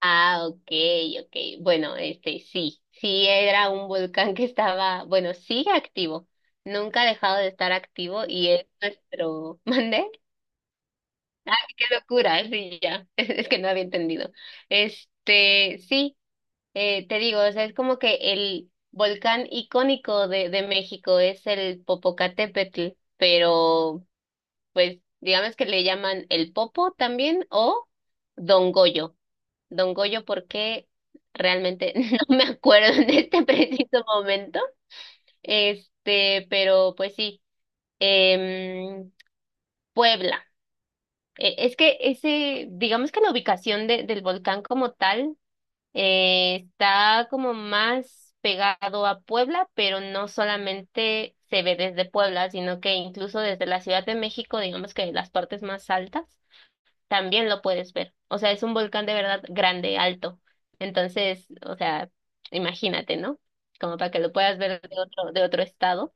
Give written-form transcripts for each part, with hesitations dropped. Ah, ok, ok. Bueno, este sí era un volcán que estaba, bueno, sigue activo. Nunca ha dejado de estar activo y es nuestro, ¿mandé? Qué locura, ¿eh? Sí, ya. Es que no había entendido. Este, sí, te digo, o sea, es como que el volcán icónico de México es el Popocatépetl, pero pues digamos que le llaman el Popo también o Don Goyo. Don Goyo, porque realmente no me acuerdo en este preciso momento. Este, pero pues sí, em, Puebla. Es que ese, digamos que la ubicación del volcán como tal, está como más pegado a Puebla, pero no solamente se ve desde Puebla, sino que incluso desde la Ciudad de México, digamos que de las partes más altas también lo puedes ver. O sea, es un volcán de verdad grande, alto. Entonces, o sea, imagínate, ¿no? Como para que lo puedas ver de otro estado.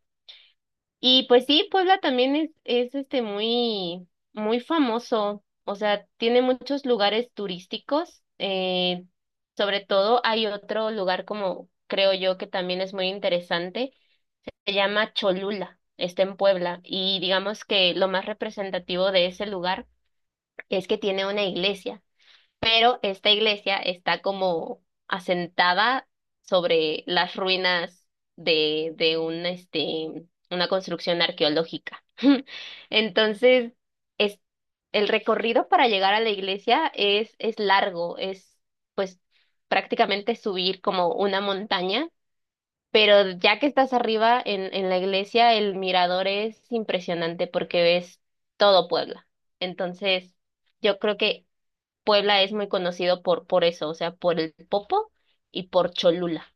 Y pues sí, Puebla también es este muy, muy famoso. O sea, tiene muchos lugares turísticos. Sobre todo hay otro lugar como creo yo que también es muy interesante. Se llama Cholula. Está en Puebla. Y digamos que lo más representativo de ese lugar es que tiene una iglesia, pero esta iglesia está como asentada sobre las ruinas de un, este, una construcción arqueológica. Entonces, es, el recorrido para llegar a la iglesia es largo, es pues prácticamente subir como una montaña. Pero ya que estás arriba en la iglesia, el mirador es impresionante porque ves todo Puebla. Entonces, yo creo que Puebla es muy conocido por eso, o sea, por el Popo y por Cholula.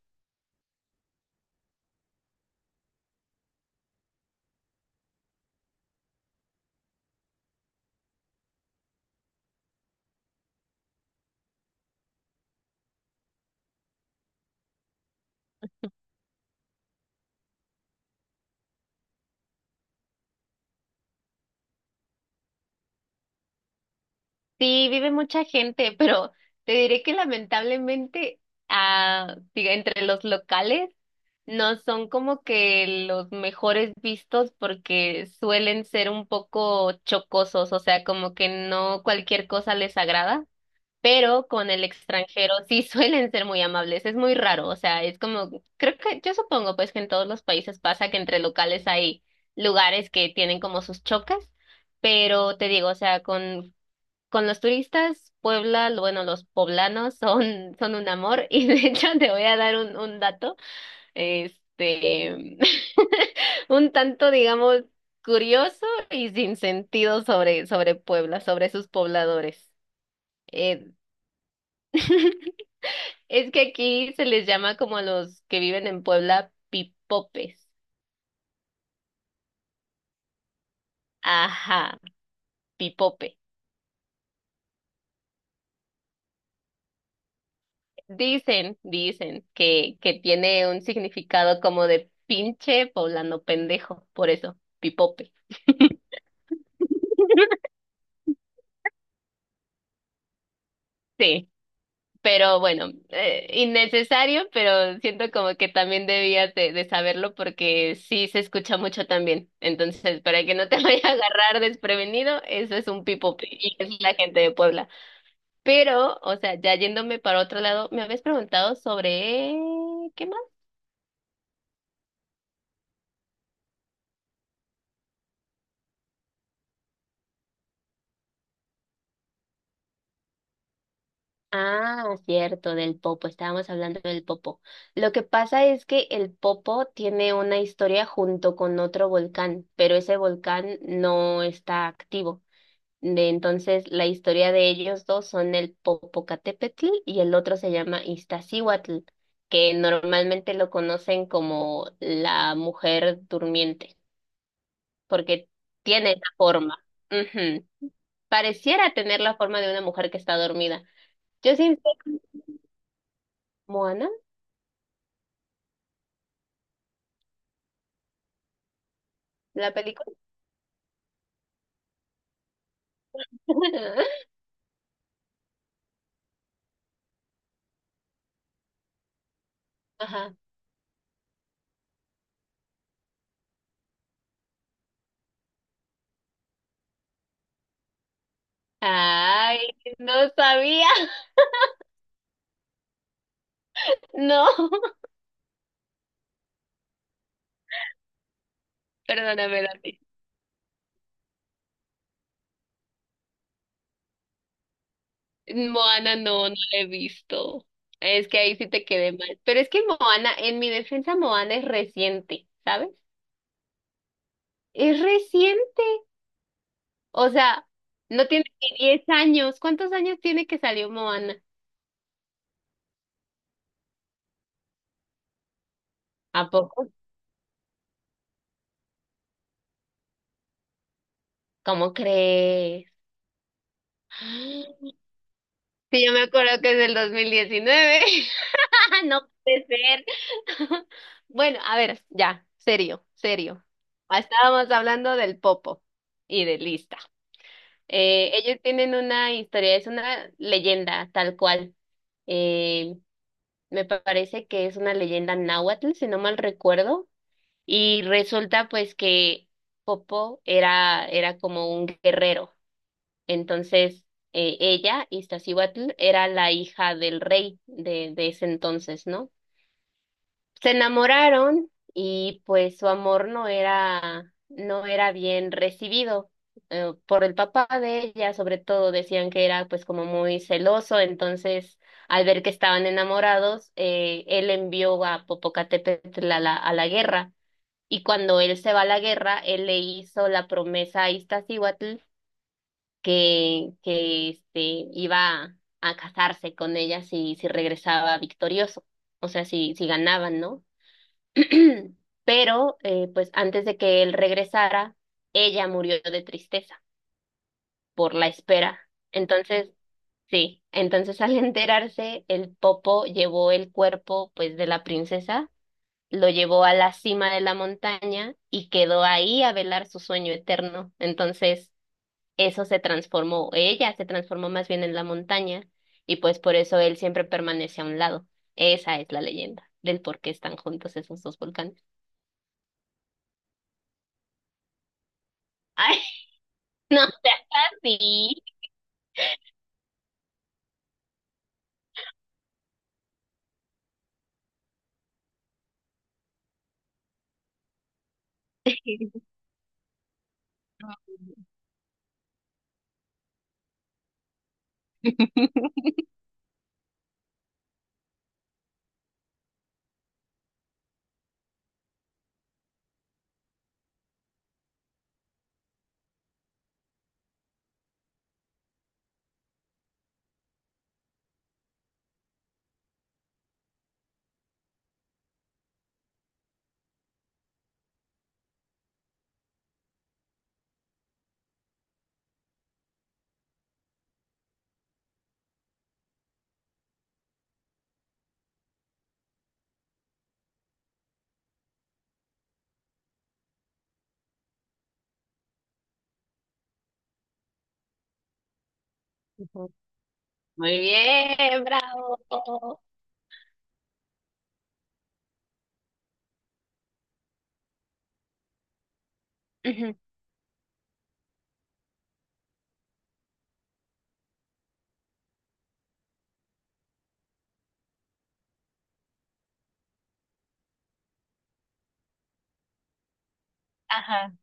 Sí, vive mucha gente, pero te diré que lamentablemente, entre los locales no son como que los mejores vistos porque suelen ser un poco chocosos, o sea, como que no cualquier cosa les agrada. Pero con el extranjero sí suelen ser muy amables, es muy raro, o sea, es como, creo que yo supongo pues que en todos los países pasa que entre locales hay lugares que tienen como sus chocas, pero te digo, o sea, con los turistas, Puebla, bueno, los poblanos son un amor y de hecho te voy a dar un dato, este, un tanto, digamos, curioso y sin sentido sobre Puebla, sobre sus pobladores. Eh, Es que aquí se les llama como a los que viven en Puebla pipopes. Ajá, pipope. Dicen, dicen que tiene un significado como de pinche poblano pendejo, por eso, pipope. Sí, pero bueno, innecesario, pero siento como que también debías de saberlo porque sí se escucha mucho también. Entonces, para que no te vaya a agarrar desprevenido, eso es un pipope y es la gente de Puebla. Pero, o sea, ya yéndome para otro lado, me habías preguntado sobre... ¿Qué más? Ah, cierto, del popo. Estábamos hablando del popo. Lo que pasa es que el popo tiene una historia junto con otro volcán, pero ese volcán no está activo. De entonces, la historia de ellos dos son el Popocatépetl y el otro se llama Iztaccíhuatl, que normalmente lo conocen como la mujer durmiente, porque tiene esa forma. Ujú. Pareciera tener la forma de una mujer que está dormida. Yo sí, Moana, la película. Ajá. Ay, no sabía. No, perdóname, Dani. Moana no, no la he visto. Es que ahí sí te quedé mal. Pero es que Moana, en mi defensa, Moana es reciente, ¿sabes? Es reciente. O sea, no tiene ni 10 años. ¿Cuántos años tiene que salió Moana? ¿A poco? ¿Cómo crees? Sí, yo me acuerdo que es del 2019. No puede ser. Bueno, a ver, ya, serio, serio. Estábamos hablando del Popo y de Lista. Ellos tienen una historia, es una leyenda tal cual. Eh, me parece que es una leyenda náhuatl, si no mal recuerdo. Y resulta pues que Popo era como un guerrero. Entonces, ella, Iztaccíhuatl, era la hija del rey de ese entonces, ¿no? Se enamoraron y pues su amor no era bien recibido, por el papá de ella, sobre todo decían que era pues como muy celoso, entonces al ver que estaban enamorados, él envió a Popocatépetl a la guerra, y cuando él se va a la guerra, él le hizo la promesa a Iztaccíhuatl que este, iba a casarse con ella si regresaba victorioso, o sea, si ganaban, ¿no? Pero, pues antes de que él regresara, ella murió de tristeza por la espera. Entonces, sí, entonces al enterarse, el Popo llevó el cuerpo, pues, de la princesa, lo llevó a la cima de la montaña y quedó ahí a velar su sueño eterno. Entonces, eso se transformó, ella se transformó más bien en la montaña, y pues por eso él siempre permanece a un lado. Esa es la leyenda del por qué están juntos esos dos volcanes. Ay, no seas así. Ujú. Muy bien, bravo. Ujú. Ajá.